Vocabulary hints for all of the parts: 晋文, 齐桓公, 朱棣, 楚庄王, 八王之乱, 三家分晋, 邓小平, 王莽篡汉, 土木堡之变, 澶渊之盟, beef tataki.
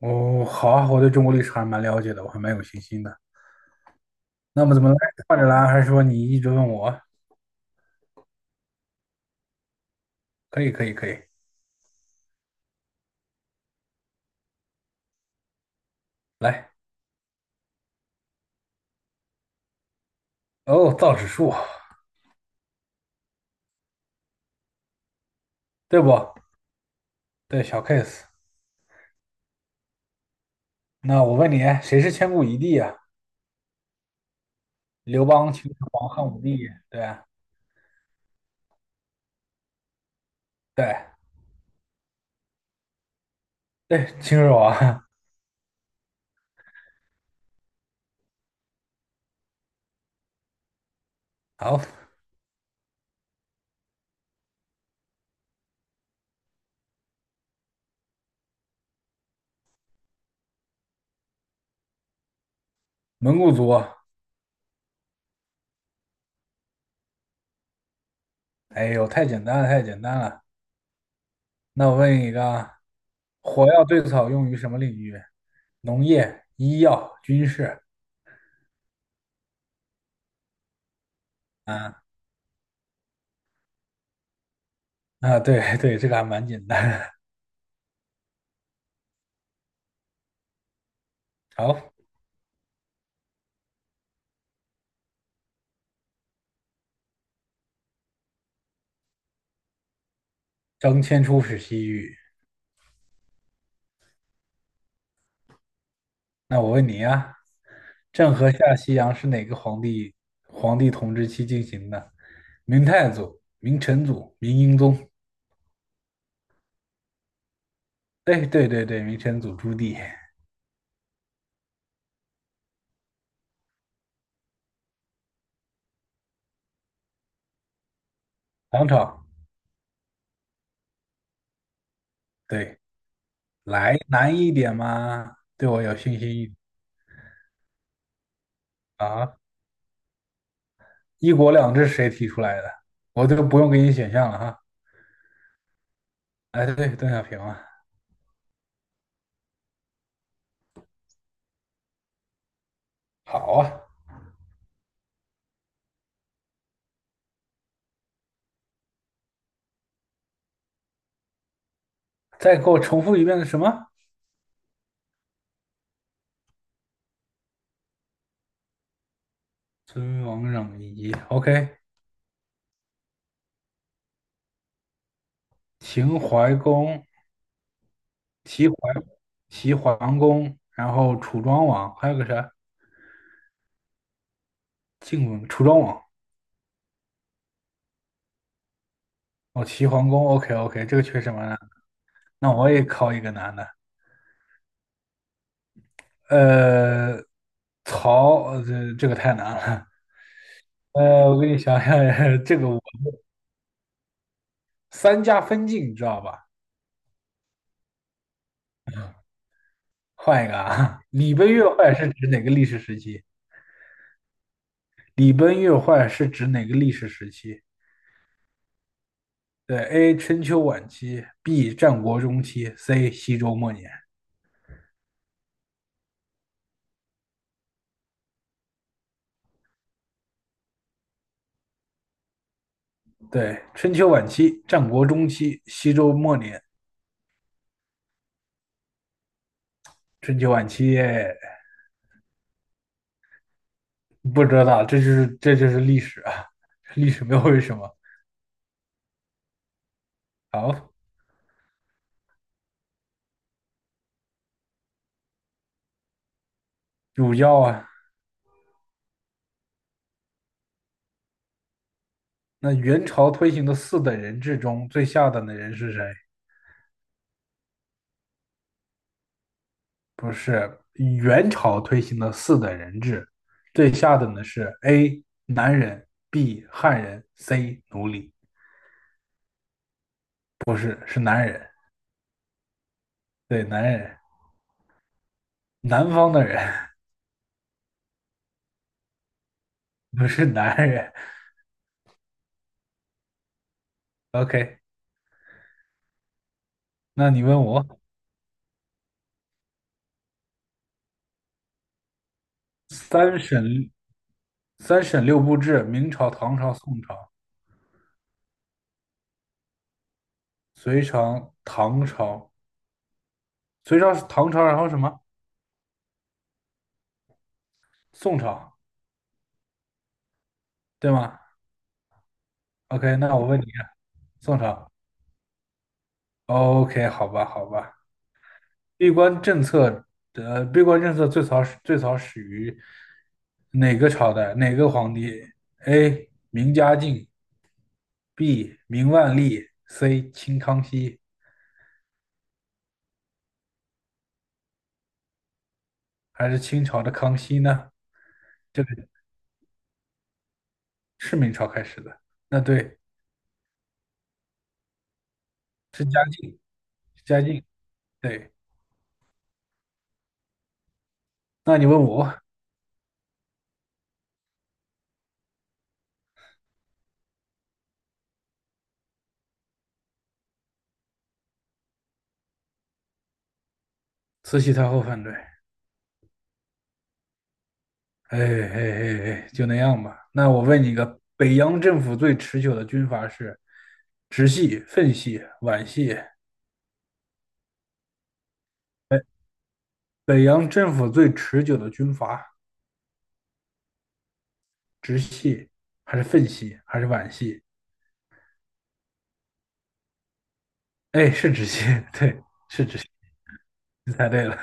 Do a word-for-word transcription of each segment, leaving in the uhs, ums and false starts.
哦，好啊，我对中国历史还蛮了解的，我还蛮有信心的。那么怎么来？换着来，还是说你一直问我？可以，可以，可以。来，哦，造纸术，对不？对，小 case。那我问你，谁是千古一帝啊？刘邦、秦始皇、汉武帝，对啊，对对，秦始皇。好，蒙古族。哎呦，太简单了，太简单了。那我问你一个啊。火药最早用于什么领域？农业、医药、军事。啊啊，对对，这个还蛮简单。好，张骞出使西域。那我问你啊，郑和下西洋是哪个皇帝皇帝统治期进行的？明太祖、明成祖、明英宗。对对对对，明成祖朱棣，唐朝。对，来难一点嘛，对我有信心一点啊。一国两制谁提出来的？我都不用给你选项了哈。哎，对，邓小平啊。好啊，再给我重复一遍是什么？尊王攘夷。OK,秦淮公。齐桓齐桓公，然后楚庄王，还有个啥？晋文楚庄王。哦，齐桓公。OK OK,这个确实蛮难的。那我也考一个难的。呃，曹，呃这这个太难了。呃，我给你想想，这个我三家分晋，你知道吧？换一个啊，礼崩乐坏是指哪个历史时期？礼崩乐坏是指哪个历史时期？对，A. 春秋晚期，B. 战国中期，C. 西周末年。对，春秋晚期、战国中期、西周末年、春秋晚期，不知道，这就是这就是历史啊，历史没有为什么。好，主要啊。那元朝推行的四等人制中最下等的人是谁？不是元朝推行的四等人制，最下等的是 A 男人，B 汉人，C 奴隶，不是是男人，对男人，南方的人。 不是男人。OK,那你问我。三省三省六部制，明朝、唐朝、宋朝、隋朝、唐朝、隋朝、唐朝，然后什么？宋朝，对吗？OK,那我问你，宋朝。OK,好吧，好吧。闭关政策的闭关政策最早始最早始于哪个朝代？哪个皇帝？A. 明嘉靖，B. 明万历，C. 清康熙，还是清朝的康熙呢？这个是明朝开始的。那对。是嘉靖，嘉靖，对。那你问我，慈禧太后反对，哎哎哎哎，就那样吧。那我问你个，北洋政府最持久的军阀是直系、奉系、皖系。北洋政府最持久的军阀，直系还是奉系还是皖系？哎，是直系，对，是直系，你猜对了。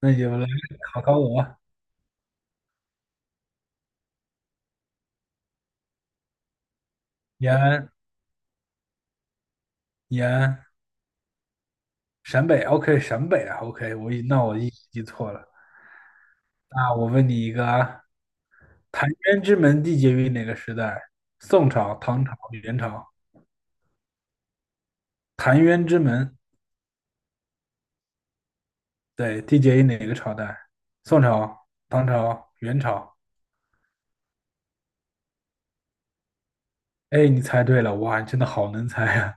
那你就来考考我，延安，延安，陕北，OK,陕北啊，OK,我一那我一记错了。那我问你一个啊，澶渊之门缔结于哪个时代？宋朝、唐朝、元朝。澶渊之门，对，缔结于哪个朝代？宋朝、唐朝、元朝。哎，你猜对了，哇，你真的好能猜啊！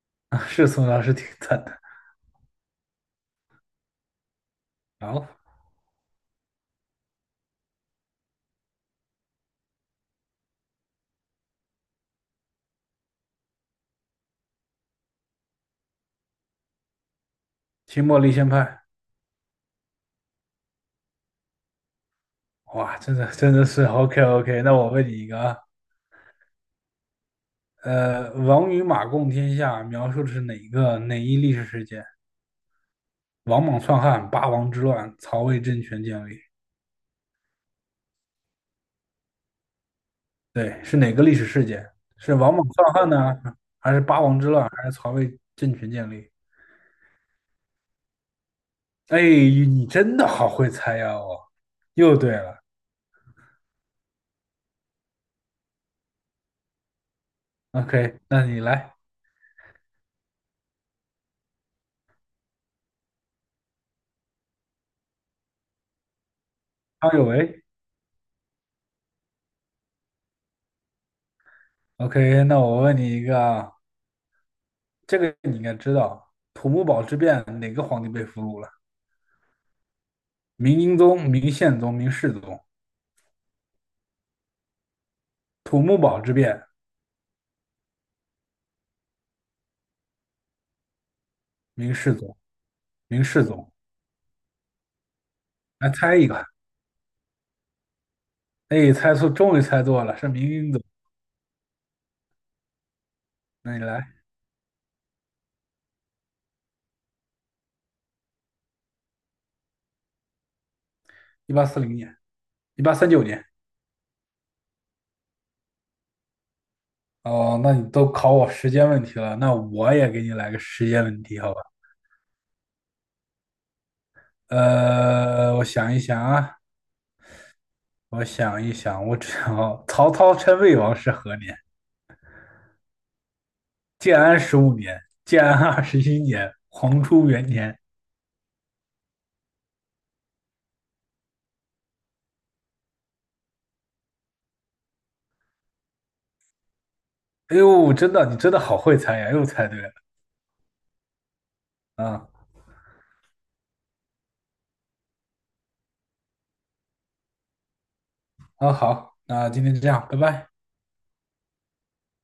啊是宋朝，是挺惨的。好，清末立宪派，哇，真的真的是 OK OK。那我问你一个啊，呃，王与马共天下描述的是哪一个哪一历史事件？王莽篡汉、八王之乱、曹魏政权建立。对，是哪个历史事件？是王莽篡汉呢，还是八王之乱，还是曹魏政权建立？哎，你真的好会猜呀！哦，又对了。OK,那你来，康有为。OK,那我问你一个啊，这个你应该知道，土木堡之变哪个皇帝被俘虏了？明英宗、明宪宗、明世宗。土木堡之变，明世宗，明世宗。来猜一个，哎，猜错，终于猜错了，是明英宗。那你来，一八四零年，一八三九年。哦，那你都考我时间问题了，那我也给你来个时间问题，好吧？呃，我想一想啊，我想一想，我只要曹操称魏王是何年？建安十五年，建安二十一年，黄初元年。哎呦，真的，你真的好会猜呀，又猜对了。啊啊，好，那今天就这样，拜拜。